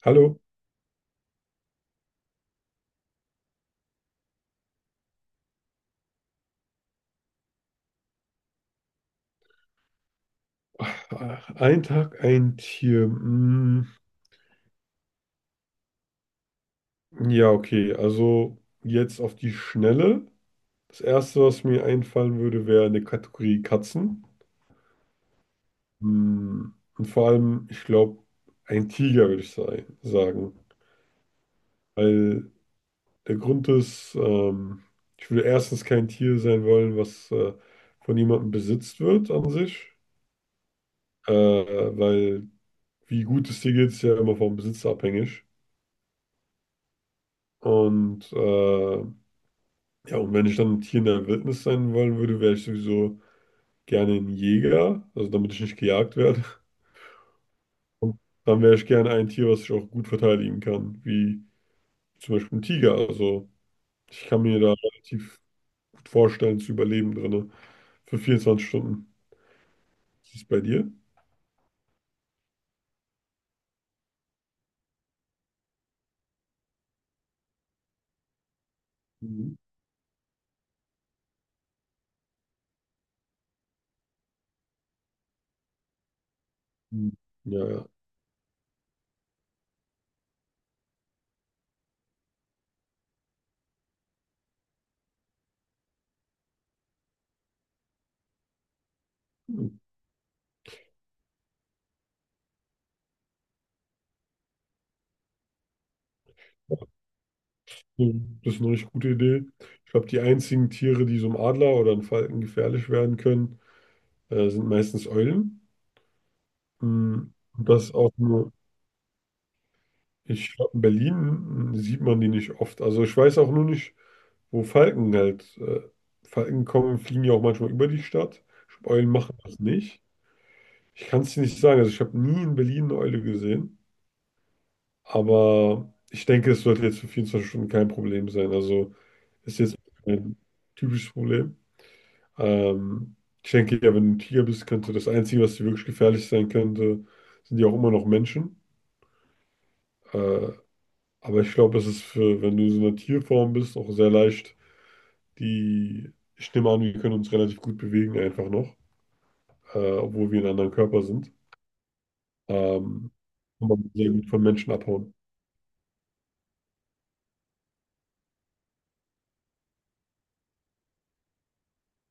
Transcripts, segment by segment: Hallo, ein Tag, ein Tier. Ja, okay, also jetzt auf die Schnelle. Das Erste, was mir einfallen würde, wäre eine Kategorie Katzen. Und vor allem, ich glaube, ein Tiger würde ich sagen. Weil der Grund ist, ich würde erstens kein Tier sein wollen, was von jemandem besitzt wird an sich. Äh, weil wie gut es dir geht, ist ja immer vom Besitzer abhängig. Und äh, Ja, und wenn ich dann ein Tier in der Wildnis sein wollen würde, wäre ich sowieso gerne ein Jäger, also damit ich nicht gejagt werde. Und dann wäre ich gerne ein Tier, was ich auch gut verteidigen kann, wie zum Beispiel ein Tiger. Also ich kann mir da relativ gut vorstellen, zu überleben drinne für 24 Stunden. Ist es bei dir? Mhm. Ja, ja. Das ist eine richtig gute Idee. Ich glaube, die einzigen Tiere, die so einem Adler oder einem Falken gefährlich werden können, sind meistens Eulen. Mm, und das auch nur. Ich glaube, in Berlin sieht man die nicht oft. Also ich weiß auch nur nicht, wo Falken halt. Falken kommen, fliegen ja auch manchmal über die Stadt. Ich glaub, Eulen machen das nicht. Ich kann es dir nicht sagen. Also ich habe nie in Berlin eine Eule gesehen. Aber ich denke, es sollte jetzt für 24 Stunden kein Problem sein. Also ist jetzt ein typisches Problem. Ähm, Ich denke, ja, wenn du ein Tiger bist, könnte das Einzige, was dir wirklich gefährlich sein könnte, sind ja auch immer noch Menschen. Äh, Aber ich glaube, es ist für, wenn du so eine Tierform bist, auch sehr leicht. Die, ich nehme an, wir können uns relativ gut bewegen, einfach noch, obwohl wir in einem anderen Körper sind. Ähm, Kann man sehr gut von Menschen abhauen.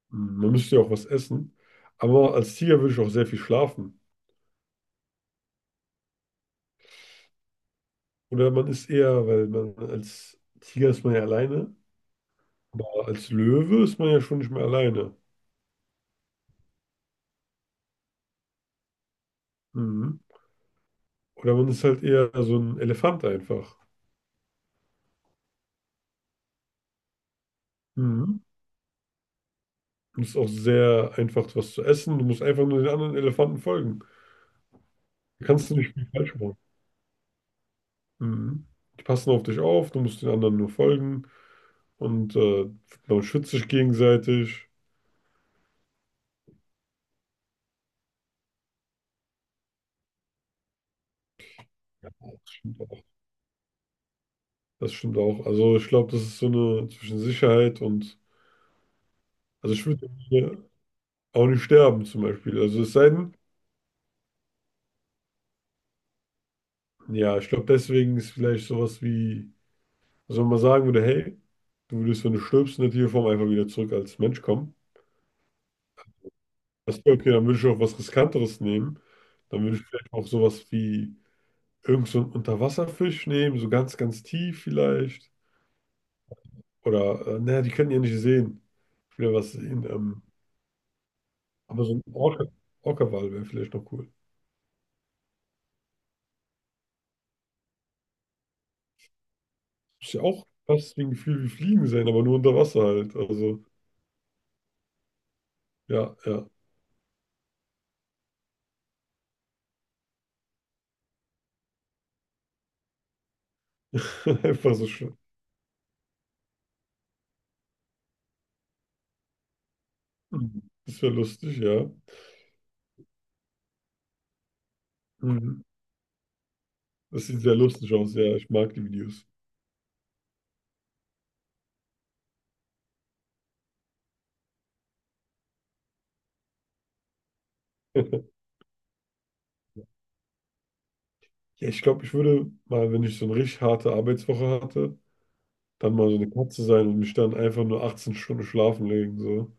Mhm, man müsste ja auch was essen. Aber als Tiger würde ich auch sehr viel schlafen. Oder man ist eher, weil man als Tiger ist man ja alleine, aber als Löwe ist man ja schon nicht mehr alleine. Mhm. Oder man ist halt eher so ein Elefant einfach. Mhm. Und es ist auch sehr einfach, was zu essen. Du musst einfach nur den anderen Elefanten folgen. Da kannst du nicht viel falsch machen. Mhm. Die passen auf dich auf, du musst den anderen nur folgen. Und äh, Man schützt sich gegenseitig. Ja, das stimmt auch. Das stimmt auch. Also ich glaube, das ist so eine zwischen Sicherheit und... Also ich würde hier auch nicht sterben zum Beispiel. Also es sei denn, ja, ich glaube, deswegen ist vielleicht sowas wie... Also wenn man sagen würde, hey, du würdest, wenn du stirbst, in der Tierform einfach wieder zurück als Mensch kommen. Weißt du, okay, dann würde ich auch was Riskanteres nehmen. Dann würde ich vielleicht auch sowas wie irgend so einen Unterwasserfisch nehmen, so ganz, ganz tief vielleicht. Oder, naja, die können ja nicht sehen. Wieder was sehen. Aber so ein Orca, Orca-Wal wäre vielleicht noch cool. Ist ja auch fast wie ein Gefühl wie Fliegen sein, aber nur unter Wasser halt. Also, ja, ja. Einfach so schön. Mhm. Das wäre lustig, ja. Mhm. Das sieht sehr lustig aus, ja. Ich mag die Videos. Ja, ich glaube, ich würde mal, wenn ich so eine richtig harte Arbeitswoche hatte, dann mal so eine Katze sein und mich dann einfach nur 18 Stunden schlafen legen, so.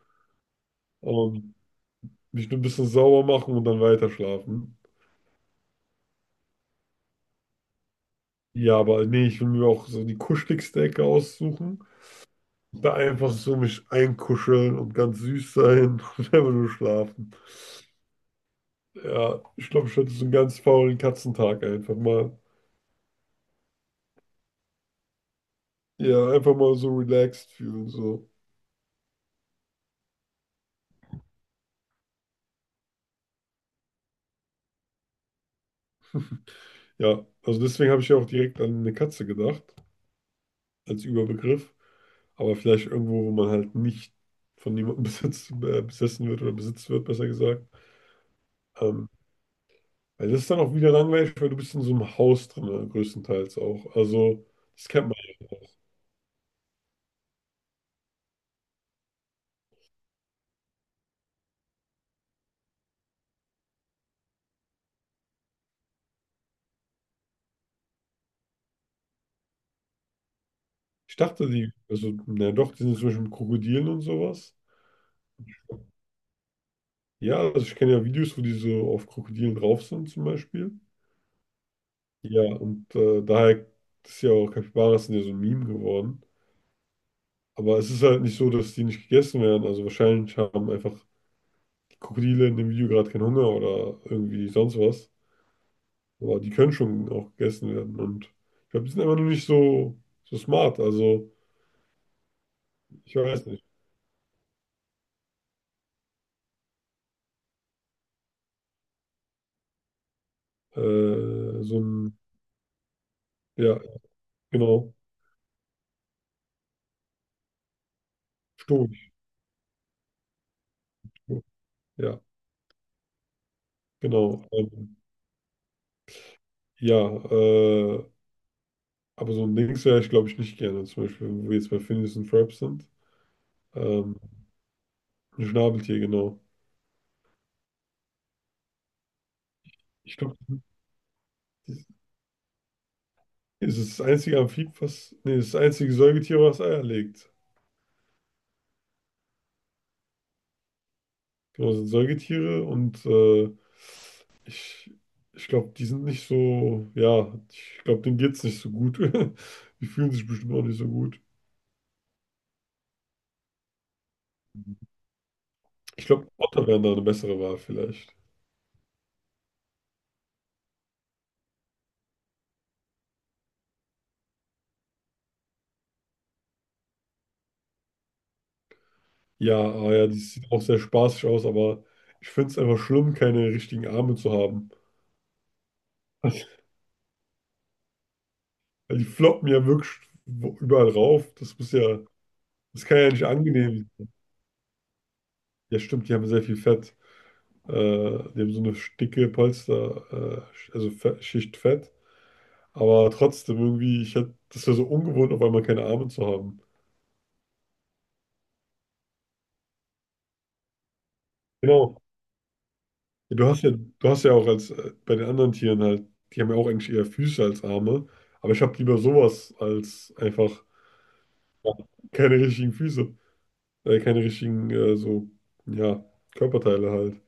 Und mich nur ein bisschen sauber machen und dann weiter schlafen. Ja, aber nee, ich will mir auch so die kuscheligste Ecke aussuchen. Da einfach so mich einkuscheln und ganz süß sein und einfach nur schlafen. Ja, ich glaube, ich hätte so einen ganz faulen Katzentag einfach mal. Ja, einfach mal so relaxed fühlen, so. Ja, also deswegen habe ich ja auch direkt an eine Katze gedacht, als Überbegriff. Aber vielleicht irgendwo, wo man halt nicht von niemandem besitzt, besessen wird oder besitzt wird, besser gesagt. Ähm, Weil das ist dann auch wieder langweilig, weil du bist in so einem Haus drin, größtenteils auch. Also, das kennt man. Ich dachte, die, also, na ja, doch, die sind zum Beispiel mit Krokodilen und sowas. Ja, also ich kenne ja Videos, wo die so auf Krokodilen drauf sind, zum Beispiel. Daher ist ja auch Capybaras sind ja so ein Meme geworden. Aber es ist halt nicht so, dass die nicht gegessen werden. Also wahrscheinlich haben einfach Krokodile in dem Video gerade keinen Hunger oder irgendwie sonst was. Aber die können schon auch gegessen werden. Und ich glaube, die sind einfach nur nicht so, so smart. Also, ich weiß nicht. Äh, so ein, ja, genau. Stoisch. Ja, genau. Ja, äh, aber so ein Dings wäre ich, glaube ich, nicht gerne. Zum Beispiel, wenn wir jetzt bei Phineas und Ferb sind. Ähm, ein Schnabeltier, genau. Ich glaube, das das ist das einzige Amphib, was, nee, das ist das einzige Säugetier, was Eier legt. Genau, das sind Säugetiere und äh, Ich, ich glaube, die sind nicht so, ja, ich glaube, denen geht es nicht so gut. Die fühlen sich bestimmt auch nicht so gut. Ich glaube, Otter wären da eine bessere Wahl vielleicht. Ja, ah ja, die sieht auch sehr spaßig aus, aber ich finde es einfach schlimm, keine richtigen Arme zu haben. Weil die floppen ja wirklich überall rauf. Das muss ja, das kann ja nicht angenehm. Ja, stimmt, die haben sehr viel Fett. Äh, Die haben so eine dicke Polster, also Schicht Fett. Aber trotzdem irgendwie, ich hätte, das wäre so ungewohnt, auf einmal keine Arme zu haben. Genau. Ja, du hast ja, du hast ja auch als bei den anderen Tieren halt, die haben ja auch eigentlich eher Füße als Arme. Aber ich habe lieber sowas als einfach ja, keine richtigen Füße, keine richtigen so, ja, Körperteile halt.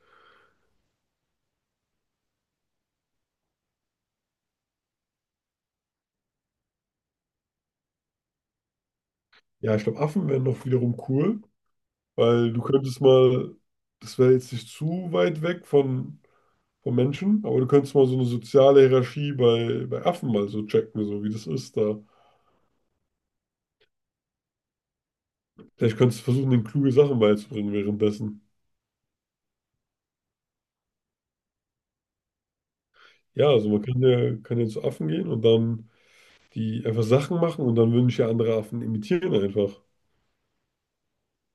Ja, ich glaube, Affen wären noch wiederum cool, weil du könntest mal, das wäre jetzt nicht zu weit weg von Menschen, aber du könntest mal so eine soziale Hierarchie bei Affen mal so checken, so wie das ist da. Vielleicht kannst du versuchen, den kluge Sachen beizubringen währenddessen. Ja, also kann ja zu Affen gehen und dann die einfach Sachen machen und dann würden dich ja andere Affen imitieren einfach.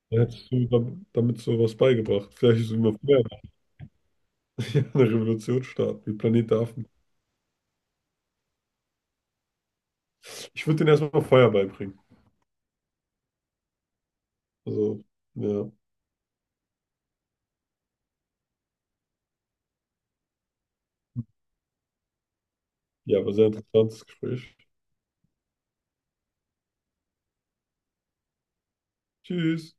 Dann hättest du damit so was beigebracht. Vielleicht ist es immer Feuer, ja, eine Revolution starten, wie Planet der Affen. Ich würde denen erstmal Feuer beibringen. Also, ja. Ja, war sehr interessantes Gespräch. Tschüss.